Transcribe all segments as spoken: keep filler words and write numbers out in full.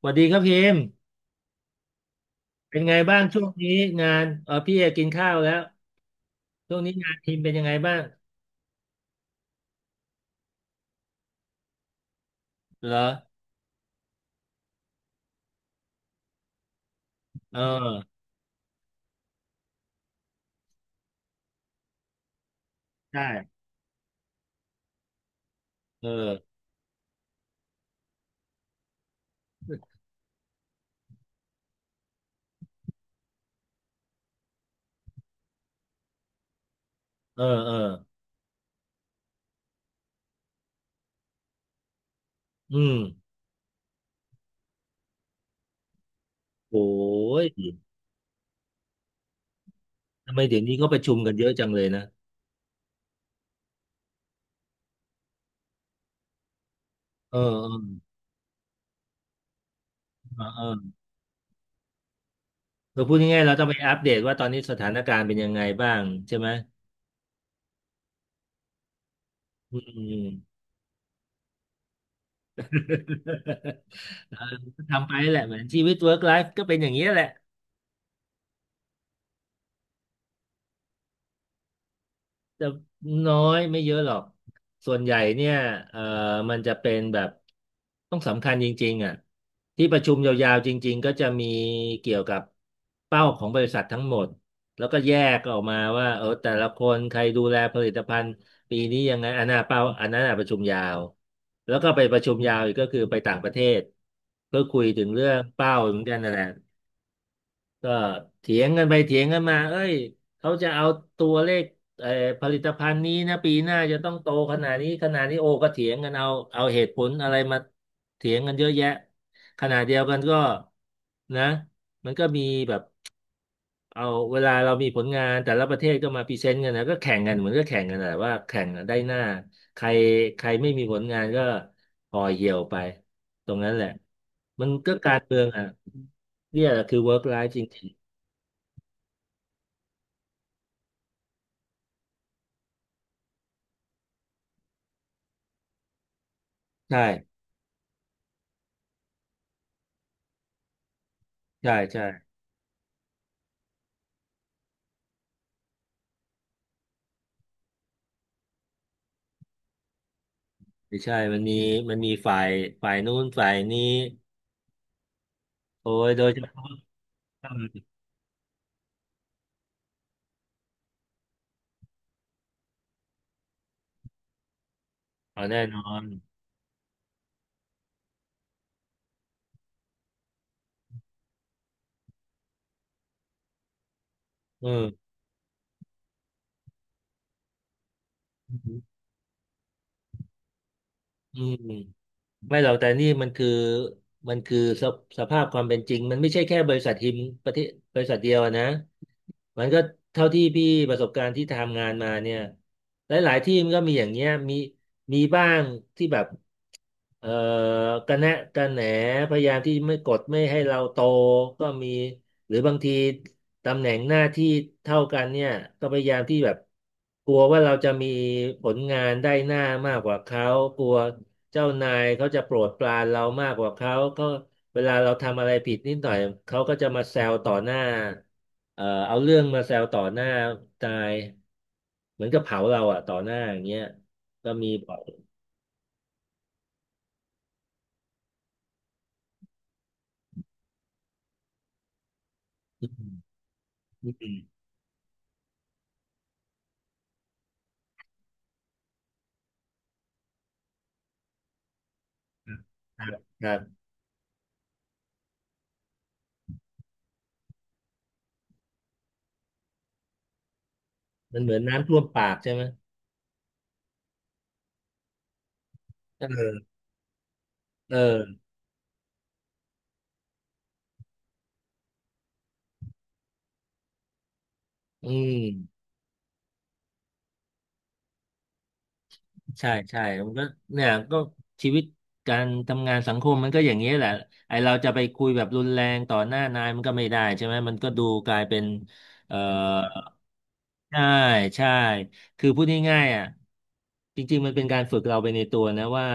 สวัสดีครับพิมพ์เป็นไงบ้างช่วงนี้งานเออพี่เอกินข้าวแล้วช่วงนี้งานพิมพ์เป็นยังไงบ้างเหรอเออใช่เออเออเอออืมโอ้ยทำไมเดี๋ยวนี้ก็ประชุมกันเยอะจังเลยนะเออเออเออเออเราพูดง่ายๆเราต้องไปอัปเดตว่าตอนนี้สถานการณ์เป็นยังไงบ้างใช่ไหมอืม เออทำไปแหละเหมือนชีวิต work life ก็เป็นอย่างนี้ยแหละ จะน้อยไม่เยอะหรอก ส่วนใหญ่เนี่ยเอ่อมันจะเป็นแบบต้องสำคัญจริงๆอ่ะที่ประชุมยาวๆจริงๆก็จะมีเกี่ยวกับเป้าของบริษัททั้งหมดแล้วก็แยกออกมาว่าเออแต่ละคนใครดูแลผลิตภัณฑ์ปีนี้ยังไงอันน่ะเป้าอันนั้นน่ะประชุมยาวแล้วก็ไปประชุมยาวอีกก็คือไปต่างประเทศเพื่อคุยถึงเรื่องเป้าเหมือนกันนั่นแหละ ก็เถียงกันไปเถียงกันมาเอ้ยเขาจะเอาตัวเลขเอ่อผลิตภัณฑ์นี้นะปีหน้าจะต้องโตขนาดนี้ขนาดนี้โอ้ก็เถียงกันเอาเอาเหตุผลอะไรมาเถียงกันเยอะแยะขณะเดียวกันก็นะมันก็มีแบบเอาเวลาเรามีผลงานแต่ละประเทศก็มาพรีเซนต์กันนะก็แข่งกันเหมือนก็แข่งกันแหละว่าแข่งกันได้หน้าใครใครไม่มีผลงานก็ห่อเหี่ยวไปตรงนั้นแหละมันก็การเมืองอ่ะเนี่ยแหละคือ work life จริง ใช่ใช่ใช่ไม่ใช่มันมีมันมีฝ่ายฝ่ายนู้นฝ่ายนี้โอ้ยโดยเฉพาะเอาแน่นอนเอออืมไม่หรอกแต่นี่มันคือมันคือสสภาพความเป็นจริงมันไม่ใช่แค่บริษัททีมประเทศบริษัทเดียวนะมันก็เท่าที่พี่ประสบการณ์ที่ทำงานมาเนี่ยหลายๆที่มันก็มีอย่างเงี้ยมีมีบ้างที่แบบ เอ่อกระแนะกระแหนพยายามที่ไม่กดไม่ให้เราโตก็มีหรือบางทีตำแหน่งหน้าที่เท่ากันเนี่ยก็พยายามที่แบบกลัวว่าเราจะมีผลงานได้หน้ามากกว่าเขากลัวเจ้านายเขาจะโปรดปรานเรามากกว่าเขาก็เวลาเราทำอะไรผิดนิดหน่อยเขาก็จะมาแซวต่อหน้าเอ่อเอาเรื่องมาแซวต่อหน้านายเหมือนกับเผาเราอ่ะต่อหน้าอย่างเงี้ยก็มีบ่อยอืม ครับครับมันเหมือนน้ำท่วมปากใช่ไหมเออเอออืมใช่ใช่มันก็เนี่ยก็ชีวิตการทำงานสังคมมันก็อย่างนี้ยแหละไอเราจะไปคุยแบบรุนแรงต่อหน้านายมันก็ไม่ได้ใช่ไหมมันก็ดูกลายเป็นเอ่อใช่ใช่คือพูดง่ายๆอ่ะจริงๆมันเป็นการฝึกเราไปในตัวนะว่า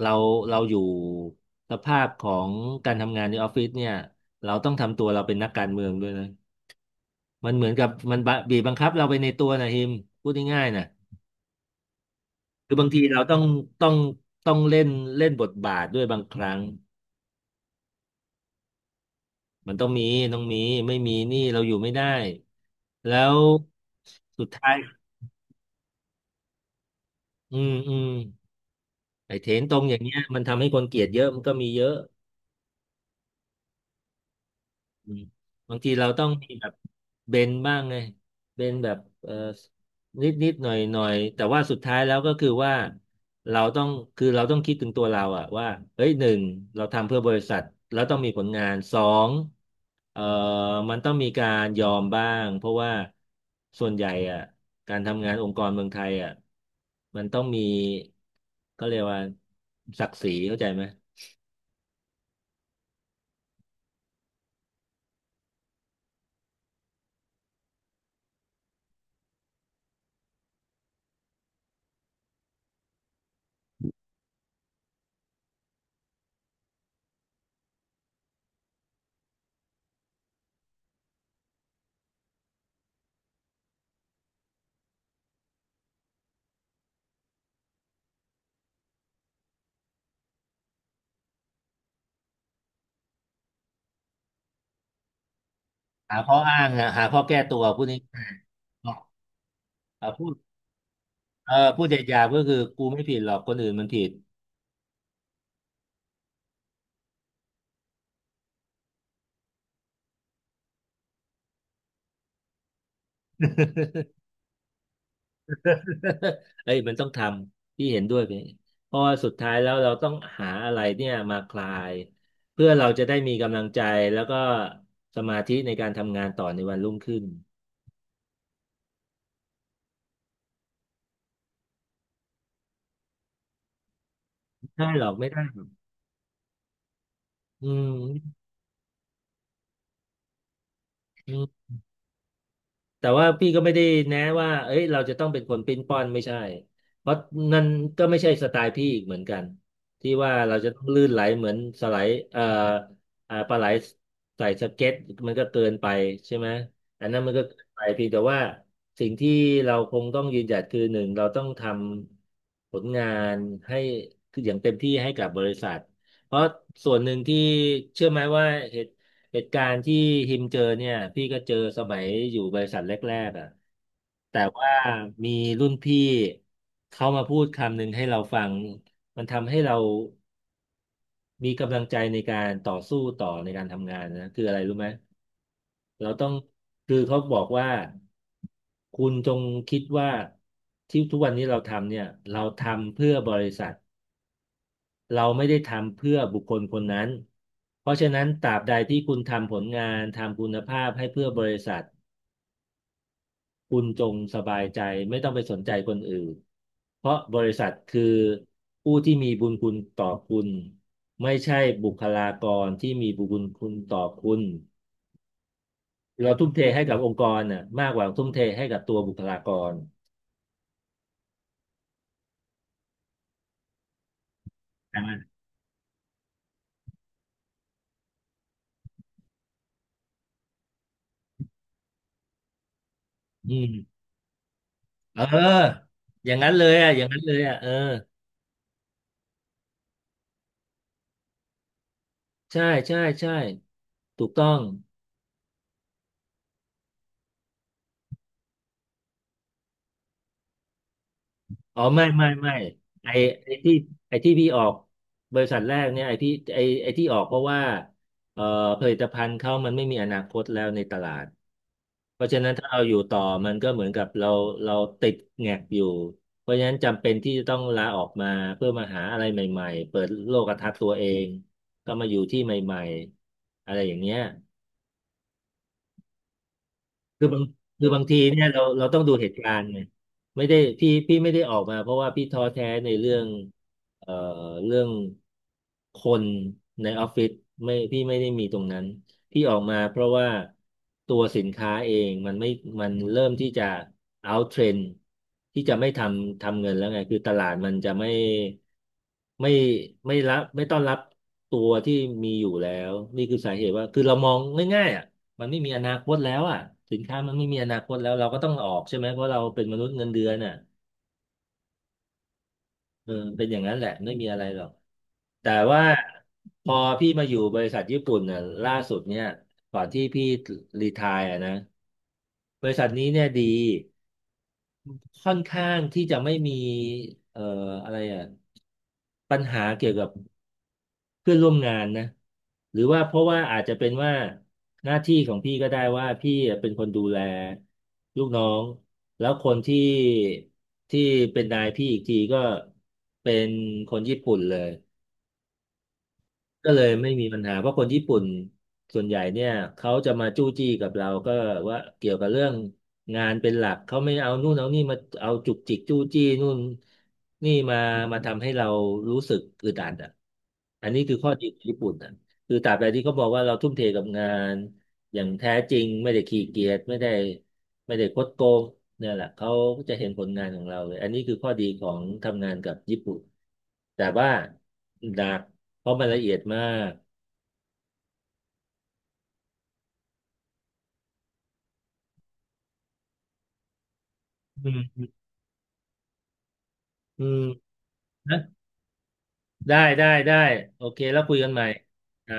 เราเราอยู่สภาพของการทำงานในออฟฟิศเนี่ยเราต้องทำตัวเราเป็นนักการเมืองด้วยนะ มันเหมือนกับมันบะบีบบังคับเราไปในตัวนะฮิมพูดง่ายๆนะคือบางทีเราต้องต้องต้องเล่นเล่นบทบาทด้วยบางครั้งมันต้องมีต้องมีไม่มีนี่เราอยู่ไม่ได้แล้วสุดท้ายอืมอืมไอ้เทรนตรงอย่างเงี้ยมันทำให้คนเกลียดเยอะมันก็มีเยอะ อืมบางทีเราต้องมีแบบเบนบ้างไงเบนแบบเออนิดนิดหน่อยหน่อยแต่ว่าสุดท้ายแล้วก็คือว่าเราต้องคือเราต้องคิดถึงตัวเราอะว่าเฮ้ยหนึ่งเราทำเพื่อบริษัทแล้วต้องมีผลงานสองเออมันต้องมีการยอมบ้างเพราะว่าส่วนใหญ่อะการทำงานองค์กรเมืองไทยอะมันต้องมีก็เรียกว่าศักดิ์ศรีเข้าใจไหมหาข้ออ้างอะหาข้อแก้ตัวพูดนี้อ่ะพูด เออพูดใจหยาบก็คือกูไม่ผิดหรอกคนอื่นมันผิด เอ้ยมันต้องทำพี่เห็นด้วยไปเพราะว่าสุดท้ายแล้วเราต้องหาอะไรเนี่ยมาคลายเพื่อเราจะได้มีกำลังใจแล้วก็สมาธิในการทำงานต่อในวันรุ่งขึ้นไม่ได้หรอกไม่ได้หรอกอืมอืม แต่ว่าพี่ก็ไม่ได้แนะว่าเอ้ยเราจะต้องเป็นคนปิ้นป้อนไม่ใช่เพราะนั่นก็ไม่ใช่สไตล์พี่อีกเหมือนกันที่ว่าเราจะต้องลื่นไหลเหมือนสไลด์เอ่อเอ่อปลาไหลใส่สเก็ตมันก็เกินไปใช่ไหมอันนั้นมันก็เกินไปเพียงแต่ว่าสิ่งที่เราคงต้องยืนหยัดคือหนึ่งเราต้องทำผลงานให้คืออย่างเต็มที่ให้กับบริษัทเพราะส่วนหนึ่งที่เชื่อไหมว่าเหตุ เหตุการณ์ที่ฮิมเจอเนี่ยพี่ก็เจอสมัยอยู่บริษัทแรกๆอ่ะแต่ว่ามีรุ่นพี่เขามาพูดคำหนึ่งให้เราฟังมันทำให้เรามีกำลังใจในการต่อสู้ต่อในการทำงานนะคืออะไรรู้ไหมเราต้องคือเขาบอกว่าคุณจงคิดว่าที่ทุกวันนี้เราทำเนี่ยเราทำเพื่อบริษัทเราไม่ได้ทำเพื่อบุคคลคนนั้นเพราะฉะนั้นตราบใดที่คุณทำผลงานทำคุณภาพให้เพื่อบริษัท คุณจงสบายใจไม่ต้องไปสนใจคนอื่นเพราะบริษัทคือผู้ที่มีบุญคุณต่อคุณไม่ใช่บุคลากรที่มีบุญคุณต่อคุณเราทุ่มเทให้กับองค์กรน่ะมากกว่าทุ่มเทให้กับตัวบุคลากรใช่ไหมอืมเอออย่างนั้นเลยอ่ะอย่างนั้นเลยอ่ะเออใช่ใช่ใช่ถูกต้อง อ๋อไม่ไม่ไม่ไอไอที่ไอที่พี่ออกบริษัทแรกเนี่ยไอที่ไอไอที่ออกเพราะว่าเอ่อผลิตภัณฑ์เขามันไม่มีอนาคตแล้วในตลาดเพราะฉะนั้นถ้าเราอยู่ต่อมันก็เหมือนกับเราเราติดแงกอยู่เพราะฉะนั้นจำเป็นที่จะต้องลาออกมาเพื่อมาหาอะไรใหม่ๆเปิดโลกทัศน์ตัวเองก็มาอยู่ที่ใหม่ๆอะไรอย่างเงี้ย คือบางคือบางทีเนี่ยเราเราต้องดูเหตุการณ์ไงไม่ได้พี่พี่ไม่ได้ออกมาเพราะว่าพี่ท้อแท้ในเรื่องเอ่อเรื่องคนในออฟฟิศไม่พี่ไม่ได้มีตรงนั้นพี่ออกมาเพราะว่าตัวสินค้าเองมันไม่มันเริ่มที่จะ out trend ที่จะไม่ทำทำเงินแล้วไงคือตลาดมันจะไม่ไม่ไม่รับไม่ต้อนรับตัวที่มีอยู่แล้วนี่คือสาเหตุว่าคือเรามองง่ายๆอ่ะ มันไม่มีอนาคตแล้วอ่ะสินค้ามันไม่มีอนาคตแล้วเราก็ต้องออกใช่ไหมเพราะเราเป็นมนุษย์เงินเดือนอ่ะเออเป็นอย่างนั้นแหละไม่มีอะไรหรอกแต่ว่าพอพี่มาอยู่บริษัทญี่ปุ่นน่ะล่าสุดเนี่ยก่อนที่พี่รีไทร์อ่ะนะบริษัทนี้เนี่ยดีค่อนข้างที่จะไม่มีเอ่ออะไรอ่ะ ปัญหาเกี่ยวกับเพื่อนร่วมงานนะหรือว่าเพราะว่าอาจจะเป็นว่าหน้าที่ของพี่ก็ได้ว่าพี่เป็นคนดูแลลูกน้องแล้วคนที่ที่เป็นนายพี่อีกทีก็เป็นคนญี่ปุ่นเลย ก็เลยไม่มีปัญหาเพราะคนญี่ปุ่นส่วนใหญ่เนี่ยเขาจะมาจู้จี้กับเราก็ว่าเกี่ยวกับเรื่องงานเป็นหลักเขาไม่เอานู่นเอานี่มาเอาจุกจิกจู้จี้นู่นนี่มามาทำให้เรารู้สึกอึดอัดอ่ะอันนี้คือข้อดีของญี่ปุ่นอ่ะคือตราบใดที่เขาบอกว่าเราทุ่มเทกับงาน อย่างแท้จริงไม่ได้ขี้เกียจไม่ได้ไม่ได้คดโกงเนี่ยแหละเขาก็จะเห็นผลงานของเราเลยอันนี้คือข้อดีของทำงานกับญี่ปุ่นแต่ว่าหนักเพราะมันละเอียดมากอืมอืมนะได้ได้ได้โอเคแล้วคุยกันใหม่นะ